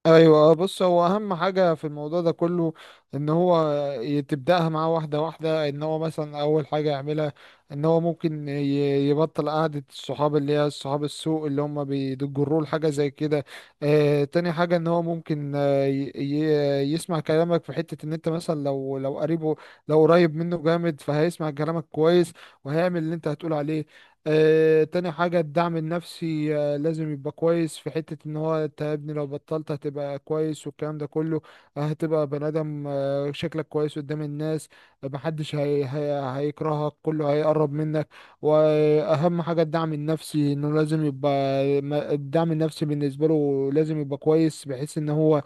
ايوه. بص، هو اهم حاجه في الموضوع ده كله ان هو تبداها معاه واحده واحده. ان هو مثلا اول حاجه يعملها ان هو ممكن يبطل قعده الصحاب اللي هي الصحاب السوء اللي هم بيجروا لحاجه زي كده. تاني حاجه ان هو ممكن يسمع كلامك في حته ان انت مثلا لو قريبه، لو قريب منه جامد فهيسمع كلامك كويس وهيعمل اللي انت هتقول عليه. تاني حاجة الدعم النفسي، لازم يبقى كويس في حتة ان هو انت يا ابني لو بطلت هتبقى كويس والكلام ده كله. هتبقى بني ادم، شكلك كويس قدام الناس. محدش هي هي هيكرهك، كله هيقرب منك. واهم حاجة الدعم النفسي انه لازم يبقى، الدعم النفسي بالنسبة له لازم يبقى كويس بحيث ان هو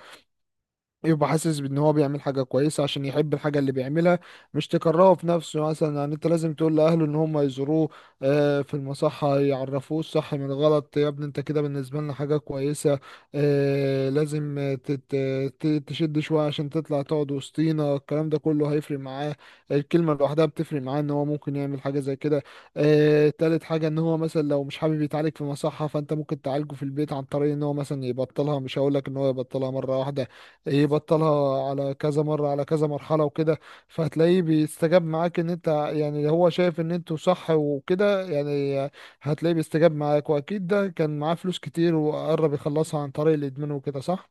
يبقى حاسس بان هو بيعمل حاجه كويسه عشان يحب الحاجه اللي بيعملها، مش تكرهه في نفسه. مثلا يعني انت لازم تقول لاهله ان هم يزوروه في المصحه، يعرفوه الصح من الغلط. يا ابني انت كده بالنسبه لنا حاجه كويسه، لازم تشد شويه عشان تطلع تقعد وسطينا. الكلام ده كله هيفرق معاه، الكلمه لوحدها بتفرق معاه ان هو ممكن يعمل حاجه زي كده. تالت حاجه ان هو مثلا لو مش حابب يتعالج في مصحه فانت ممكن تعالجه في البيت عن طريق ان هو مثلا يبطلها. مش هقول لك ان هو يبطلها مره واحده، ايه بطلها على كذا مرة، على كذا مرحلة وكده. فهتلاقيه بيستجاب معاك، ان انت يعني هو شايف ان انتوا صح وكده يعني. هتلاقيه بيستجاب معاك، واكيد ده كان معاه فلوس كتير وقرب يخلصها عن طريق الادمان وكده، صح؟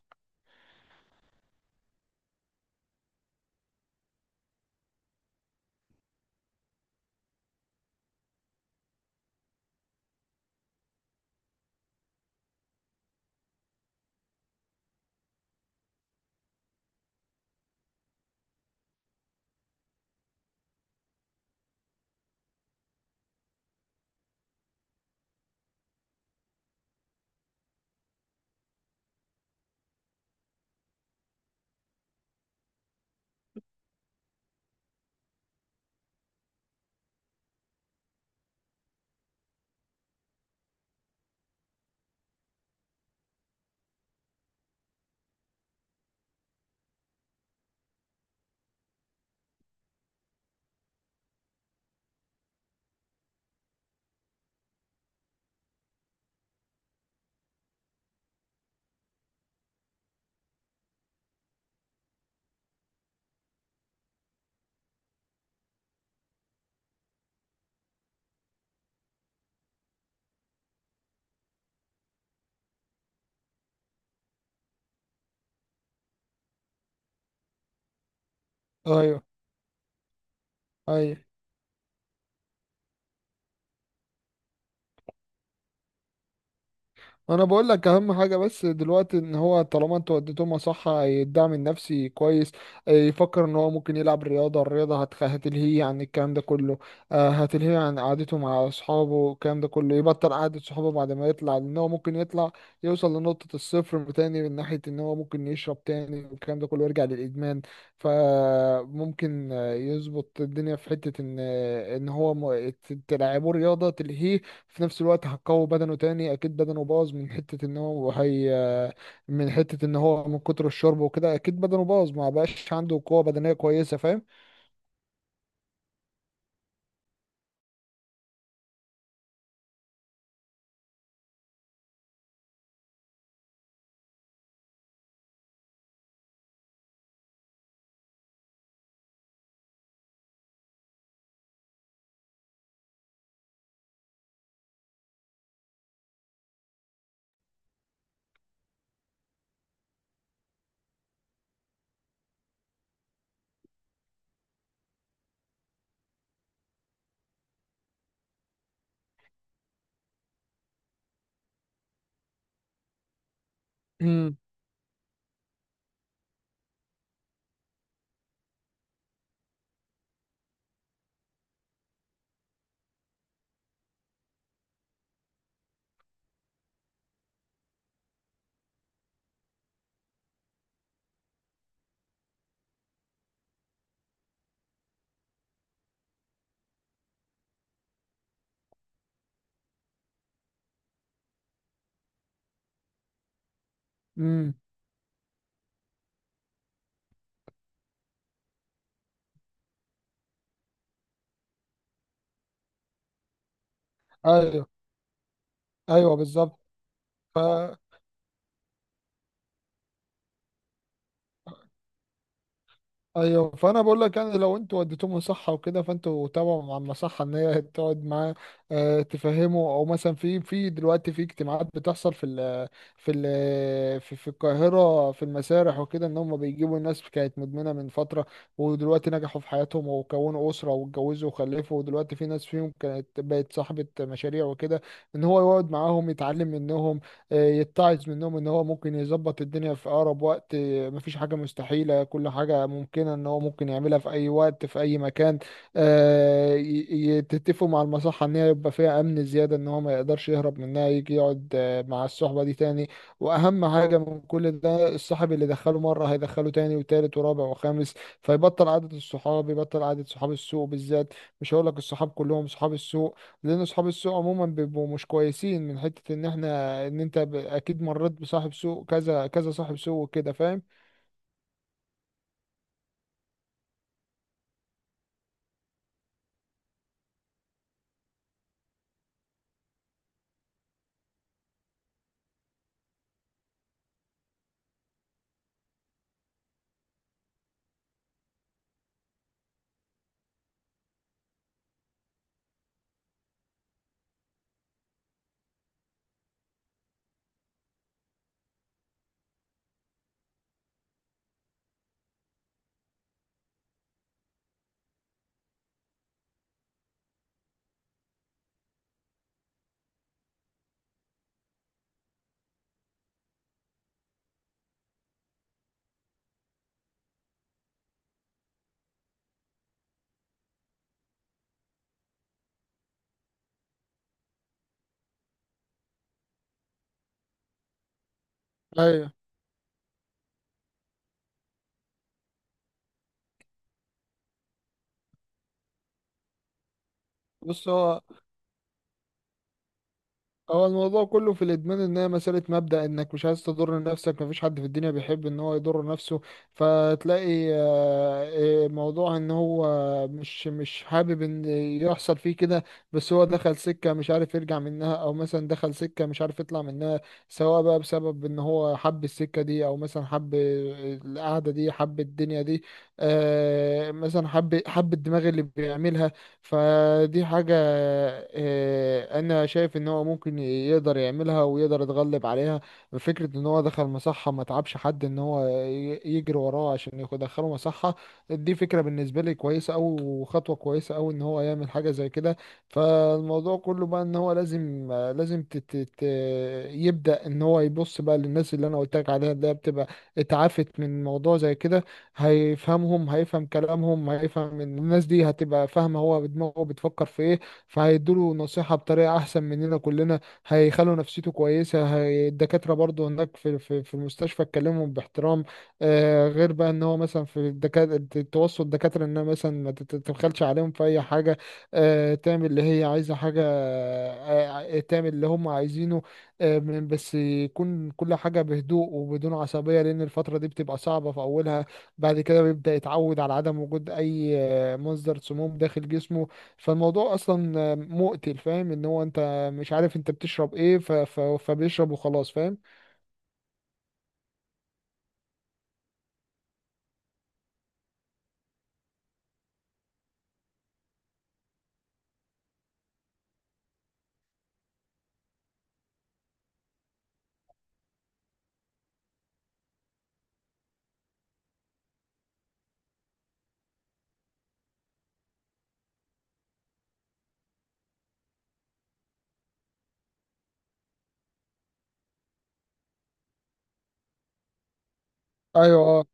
ايوه، ايوه. انا بقول لك اهم حاجه بس دلوقتي، ان هو طالما انتوا وديتهم صح الدعم النفسي كويس، يفكر ان هو ممكن يلعب رياضه. الرياضه هتلهيه عن الكلام ده كله، هتلهيه عن قعدته مع اصحابه والكلام ده كله. يبطل قعده صحابه بعد ما يطلع، لان هو ممكن يطلع يوصل لنقطه الصفر تاني من ناحيه ان هو ممكن يشرب تاني والكلام ده كله يرجع للادمان. فممكن يظبط الدنيا في حته ان تلعبه رياضه تلهيه. في نفس الوقت هتقوي بدنه تاني، اكيد بدنه باظ من حتة ان هو من كتر الشرب وكده اكيد بدنه باظ، ما بقاش عنده قوة بدنية كويسة، فاهم؟ امم. امم. ايوه، ايوه، بالظبط. ف، ايوه، فانا بقول لك يعني لو انتوا وديتوه مصحه وكده، فانتوا تابعوا مع المصحه ان هي تقعد معاه، تفهمه. او مثلا في في دلوقتي في اجتماعات بتحصل في في القاهره في المسارح وكده، ان هم بيجيبوا الناس كانت مدمنه من فتره، ودلوقتي نجحوا في حياتهم وكونوا اسره واتجوزوا وخلفوا. ودلوقتي في ناس فيهم كانت بقت صاحبه مشاريع وكده. ان هو يقعد معاهم يتعلم منهم، يتعظ منهم ان هو ممكن يظبط الدنيا في اقرب وقت. مفيش حاجة مستحيلة، كل حاجة ممكنة ان هو ممكن يعملها في اي وقت في اي مكان. آه، ي- تتفقوا مع المصحة ان هي يبقى فيها امن زيادة، ان هو ما يقدرش يهرب منها يجي يقعد مع الصحبة دي تاني. واهم حاجة من كل ده، الصاحب اللي دخله مرة هيدخله تاني وتالت ورابع وخامس، فيبطل عادة الصحاب، يبطل عادة صحاب السوق بالذات. مش هقول لك الصحاب كلهم صحاب السوق، لان صحاب السوق عموما بيبقوا مش كويسين، من حتة ان احنا ان انت اكيد مريت بصاحب سوء، كذا كذا صاحب سوء كده، فاهم؟ ايوه. بص، هو الموضوع كله في الادمان ان هي مساله مبدا، انك مش عايز تضر نفسك، مفيش حد في الدنيا بيحب ان هو يضر نفسه. فتلاقي موضوع ان هو مش حابب ان يحصل فيه كده. بس هو دخل سكه مش عارف يرجع منها، او مثلا دخل سكه مش عارف يطلع منها، سواء بقى بسبب ان هو حب السكه دي او مثلا حب القعده دي، حب الدنيا دي، مثلا حب الدماغ اللي بيعملها. فدي حاجة، أنا شايف إن هو ممكن يقدر يعملها ويقدر يتغلب عليها. فكرة إن هو دخل مصحة، ما تعبش حد إن هو يجري وراه عشان يدخله مصحة، دي فكرة بالنسبة لي كويسة أوي وخطوة كويسة أوي إن هو يعمل حاجة زي كده. فالموضوع كله بقى إن هو لازم لازم تت تت يبدأ إن هو يبص بقى للناس اللي أنا قلت لك عليها، اللي هي بتبقى اتعافت من موضوع زي كده. هيفهمهم، هيفهم كلامهم، هيفهم إن الناس دي هتبقى فاهمة هو دماغه بتفكر في ايه، فهيدوله نصيحة بطريقة احسن مننا كلنا. هيخلوا نفسيته كويسة. هي الدكاترة برضو هناك في المستشفى اتكلمهم باحترام. غير بقى ان هو مثلا في الدكاترة، توصل الدكاترة انها مثلا ما تتدخلش عليهم في اي حاجة، تعمل اللي هي عايزة حاجة. تعمل اللي هم عايزينه. بس يكون كل حاجة بهدوء وبدون عصبية، لأن الفترة دي بتبقى صعبة في أولها. بعد كده بيبدأ يتعود على عدم وجود أي مصدر سموم داخل جسمه. فالموضوع أصلا مقتل، فاهم؟ إن هو أنت مش عارف أنت بتشرب إيه فبيشرب وخلاص، فاهم؟ أيوه، أه.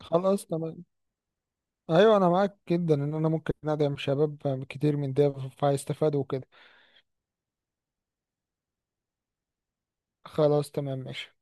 خلاص، تمام. أيوه، أنا معاك جدا إن أنا ممكن أدعم شباب كتير من ده فهيستفادوا وكده. خلاص، تمام، ماشي.